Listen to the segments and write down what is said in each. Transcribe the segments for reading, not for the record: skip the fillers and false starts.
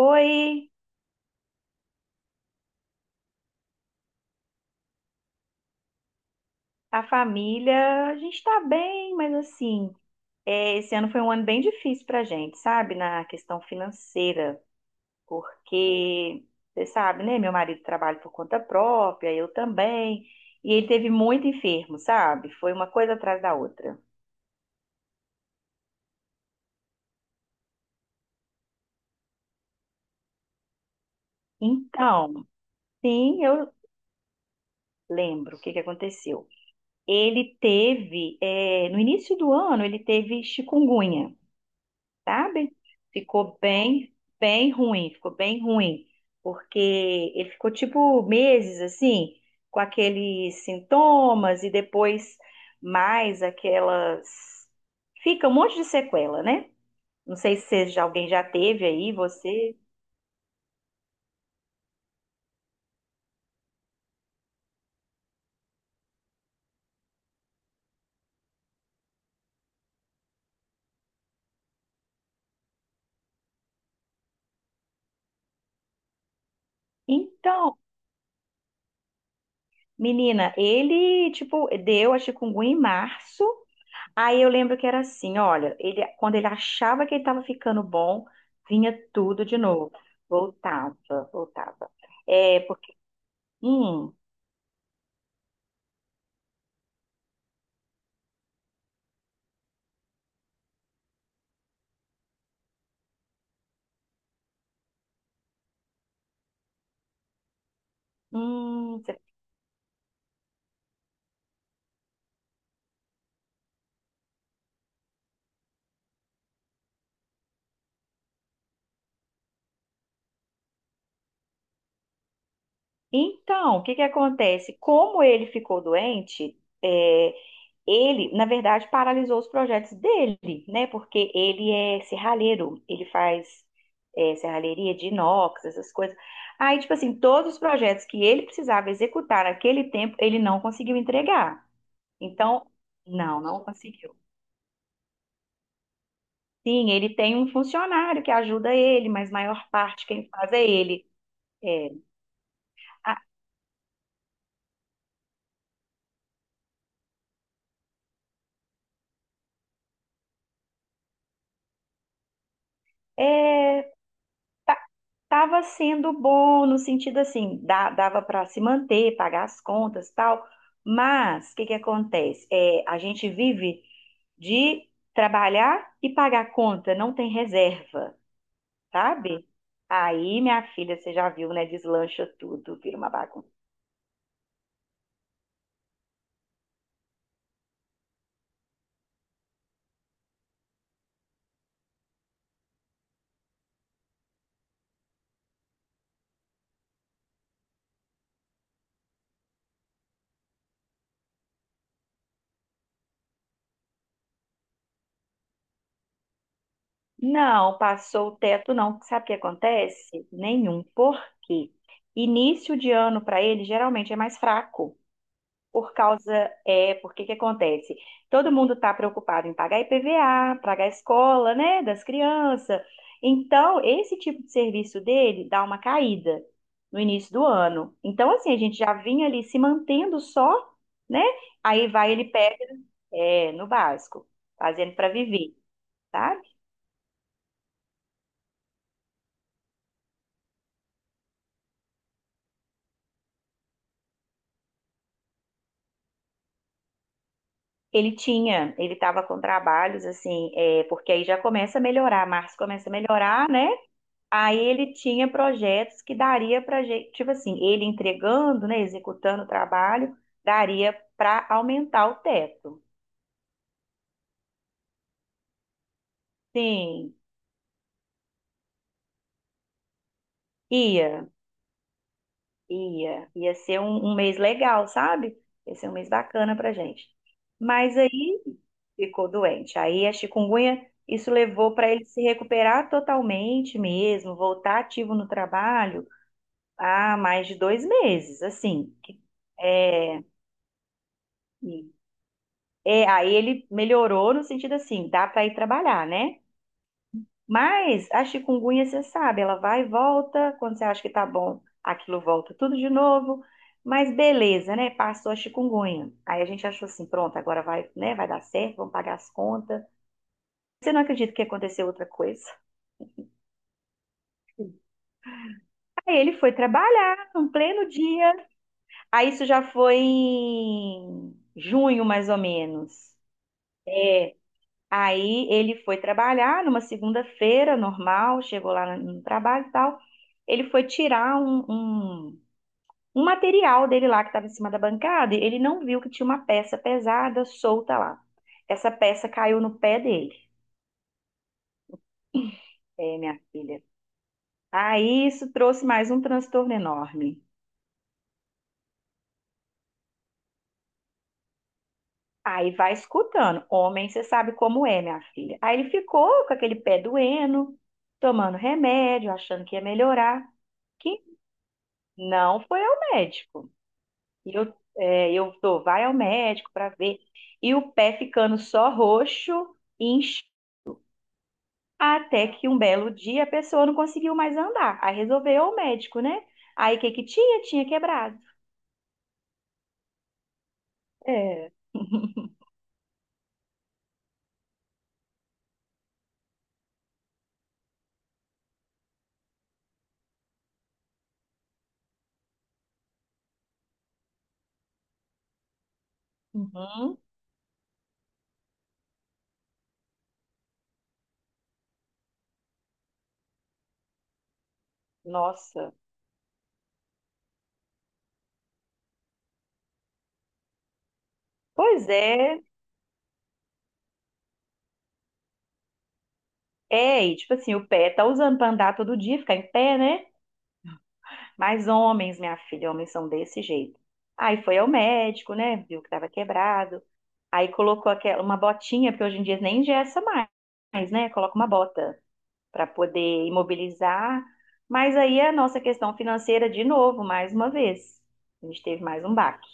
Oi, a família, a gente tá bem, mas assim, esse ano foi um ano bem difícil pra gente, sabe? Na questão financeira, porque, você sabe, né? Meu marido trabalha por conta própria, eu também, e ele teve muito enfermo, sabe? Foi uma coisa atrás da outra. Então, sim, eu lembro o que que aconteceu. Ele teve, no início do ano, ele teve chikungunya. Sabe? Ficou bem, Bem ruim, ficou bem ruim, porque ele ficou tipo meses assim, com aqueles sintomas e depois mais aquelas. Fica um monte de sequela, né? Não sei se alguém já teve aí, você. Então, menina, ele, tipo, deu a chikungunya em março. Aí eu lembro que era assim, olha, ele, quando ele achava que ele estava ficando bom, vinha tudo de novo. Voltava, voltava. É, porque, hum, hum, cê- então, o que que acontece? Como ele ficou doente, é, ele, na verdade, paralisou os projetos dele, né? Porque ele é serralheiro, ele faz, serralheria de inox, essas coisas. Aí, tipo assim, todos os projetos que ele precisava executar naquele tempo, ele não conseguiu entregar. Então, não, não conseguiu. Sim, ele tem um funcionário que ajuda ele, mas maior parte quem faz é ele. É, a- é, tava sendo bom no sentido assim, dava para se manter, pagar as contas, tal. Mas o que que acontece? É, a gente vive de trabalhar e pagar conta, não tem reserva, sabe? Aí, minha filha, você já viu, né? Deslancha tudo, vira uma bagunça. Não, passou o teto, não. Sabe o que acontece? Nenhum. Por quê? Início de ano para ele geralmente é mais fraco. Por causa, Porque que acontece? Todo mundo está preocupado em pagar IPVA pagar a escola, né, das crianças. Então, esse tipo de serviço dele dá uma caída no início do ano. Então, assim, a gente já vinha ali se mantendo só, né? Aí vai ele pega, no básico, fazendo para viver, tá? Ele tinha, ele estava com trabalhos assim, porque aí já começa a melhorar, março começa a melhorar, né? Aí ele tinha projetos que daria para gente, tipo assim, ele entregando, né, executando o trabalho, daria para aumentar o teto. Sim, ia, ia ser um mês legal, sabe? Ia ser um mês bacana para gente. Mas aí ficou doente. Aí a chikungunya, isso levou para ele se recuperar totalmente mesmo, voltar ativo no trabalho. Há mais de 2 meses, assim. É, e- aí ele melhorou no sentido assim, dá para ir trabalhar, né? Mas a chikungunya, você sabe, ela vai e volta, quando você acha que tá bom, aquilo volta tudo de novo. Mas beleza, né? Passou a chikungunya. Aí a gente achou assim, pronto, agora vai, né? Vai dar certo, vamos pagar as contas. Você não acredita que aconteceu outra coisa? Aí ele foi trabalhar no pleno dia. Aí isso já foi em junho, mais ou menos. Aí ele foi trabalhar numa segunda-feira, normal, chegou lá no trabalho e tal. Ele foi tirar um material dele lá que estava em cima da bancada e ele não viu que tinha uma peça pesada solta lá. Essa peça caiu no pé dele, é, minha filha. Aí isso trouxe mais um transtorno enorme. Aí vai escutando. Homem, você sabe como é, minha filha. Aí ele ficou com aquele pé doendo, tomando remédio, achando que ia melhorar. Que não foi ao médico. E eu tô, vai ao médico para ver. E o pé ficando só roxo, incha, até que um belo dia a pessoa não conseguiu mais andar. Aí resolveu o médico, né? Aí o que que tinha? Tinha quebrado. É. Uhum. Nossa. Pois é. É, e tipo assim, o pé tá usando para andar todo dia, ficar em pé, né? Mas homens, minha filha, homens são desse jeito. Aí foi ao médico, né? Viu que tava quebrado. Aí colocou aquela, uma botinha, porque hoje em dia nem engessa mais, né? Coloca uma bota para poder imobilizar. Mas aí a nossa questão financeira, de novo, mais uma vez. A gente teve mais um baque.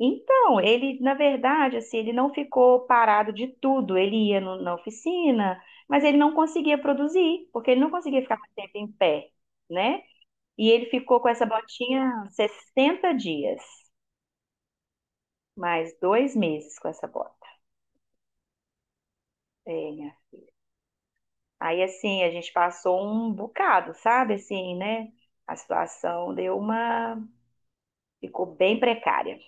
Então, ele, na verdade, assim, ele não ficou parado de tudo. Ele ia na oficina, mas ele não conseguia produzir, porque ele não conseguia ficar mais tempo em pé, né? E ele ficou com essa botinha 60 dias, mais 2 meses com essa bota. É, minha. Aí, assim, a gente passou um bocado, sabe? Assim, né? A situação deu uma. Ficou bem precária.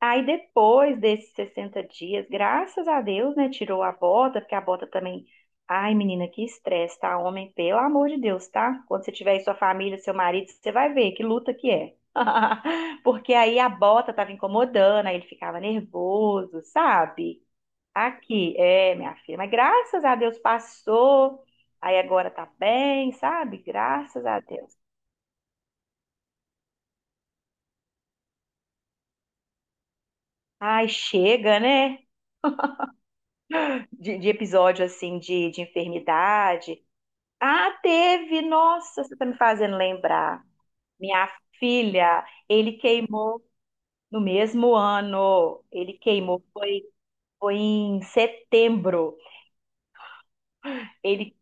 Aí depois desses 60 dias, graças a Deus, né, tirou a bota, porque a bota também. Ai, menina, que estresse, tá? Homem, pelo amor de Deus, tá? Quando você tiver aí sua família, seu marido, você vai ver que luta que é. Porque aí a bota tava incomodando, aí ele ficava nervoso, sabe? Aqui, minha filha, mas graças a Deus passou. Aí agora tá bem, sabe? Graças a Deus. Ai, chega, né? De episódio assim de enfermidade. Ah, teve! Nossa, você está me fazendo lembrar. Minha filha, ele queimou no mesmo ano. Ele queimou, foi em setembro. Ele,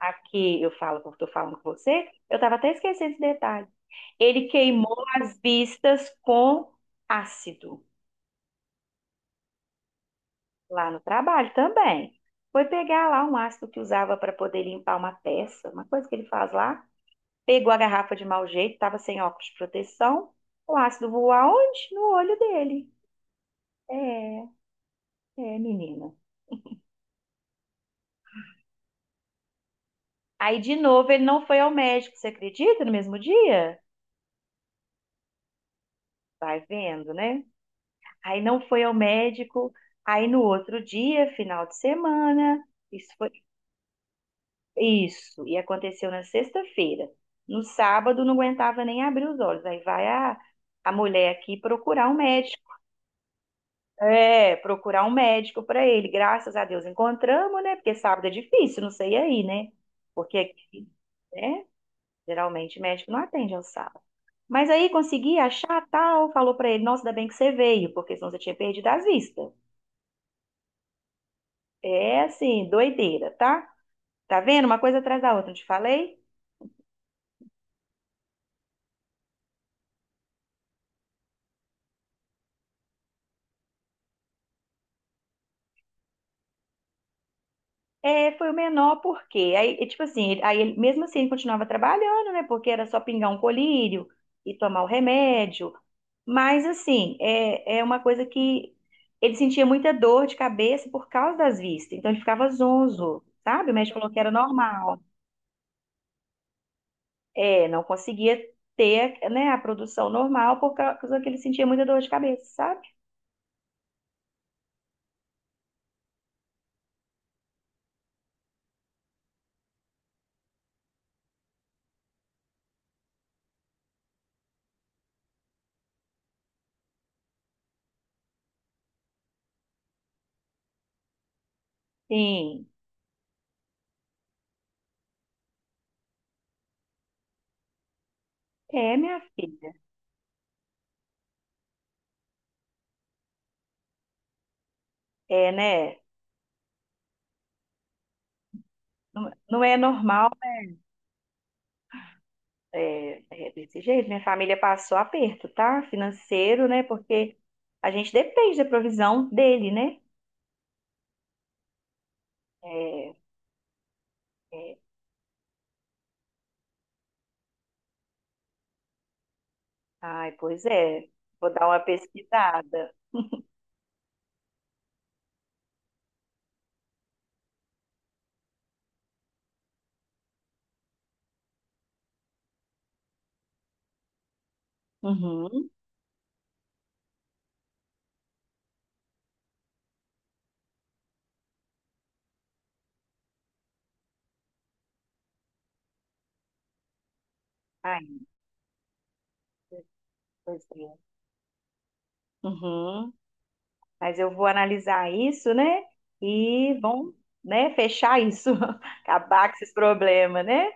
aqui, eu falo, eu estou falando com você, eu estava até esquecendo esse detalhe. Ele queimou as vistas com ácido lá no trabalho também. Foi pegar lá um ácido que usava para poder limpar uma peça, uma coisa que ele faz lá. Pegou a garrafa de mau jeito, estava sem óculos de proteção. O ácido voou aonde? No olho dele. É, é, menina. Aí, de novo, ele não foi ao médico, você acredita? No mesmo dia? Vai vendo, né? Aí não foi ao médico. Aí no outro dia, final de semana, isso foi isso, e aconteceu na sexta-feira. No sábado não aguentava nem abrir os olhos. Aí vai a mulher aqui procurar um médico. É, procurar um médico para ele. Graças a Deus encontramos, né? Porque sábado é difícil, não sei aí, né? Porque aqui, né? Geralmente médico não atende ao sábado. Mas aí consegui achar tal, falou para ele, nossa, ainda bem que você veio, porque senão você tinha perdido as vistas. É assim, doideira, tá? Tá vendo? Uma coisa atrás da outra, não te falei? É, foi o menor porque aí, tipo assim, mesmo assim ele continuava trabalhando, né? Porque era só pingar um colírio e tomar o remédio. Mas assim, é uma coisa que ele sentia muita dor de cabeça por causa das vistas. Então ele ficava zonzo, sabe? O médico falou que era normal. É, não conseguia ter, né, a produção normal por causa que ele sentia muita dor de cabeça, sabe? Sim. É, minha filha. É, né? Não, não é normal. É, é desse jeito, minha família passou aperto, tá? Financeiro, né? Porque a gente depende da provisão dele, né? É, é. Ai, pois é. Vou dar uma pesquisada. Uhum. Ai, pois é. Uhum. Mas eu vou analisar isso, né? E vamos, né, fechar isso, acabar com esses problemas, né?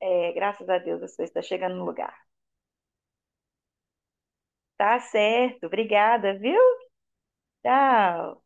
É, graças a Deus, as coisas estão chegando no lugar. Tá certo. Obrigada, viu? Tchau.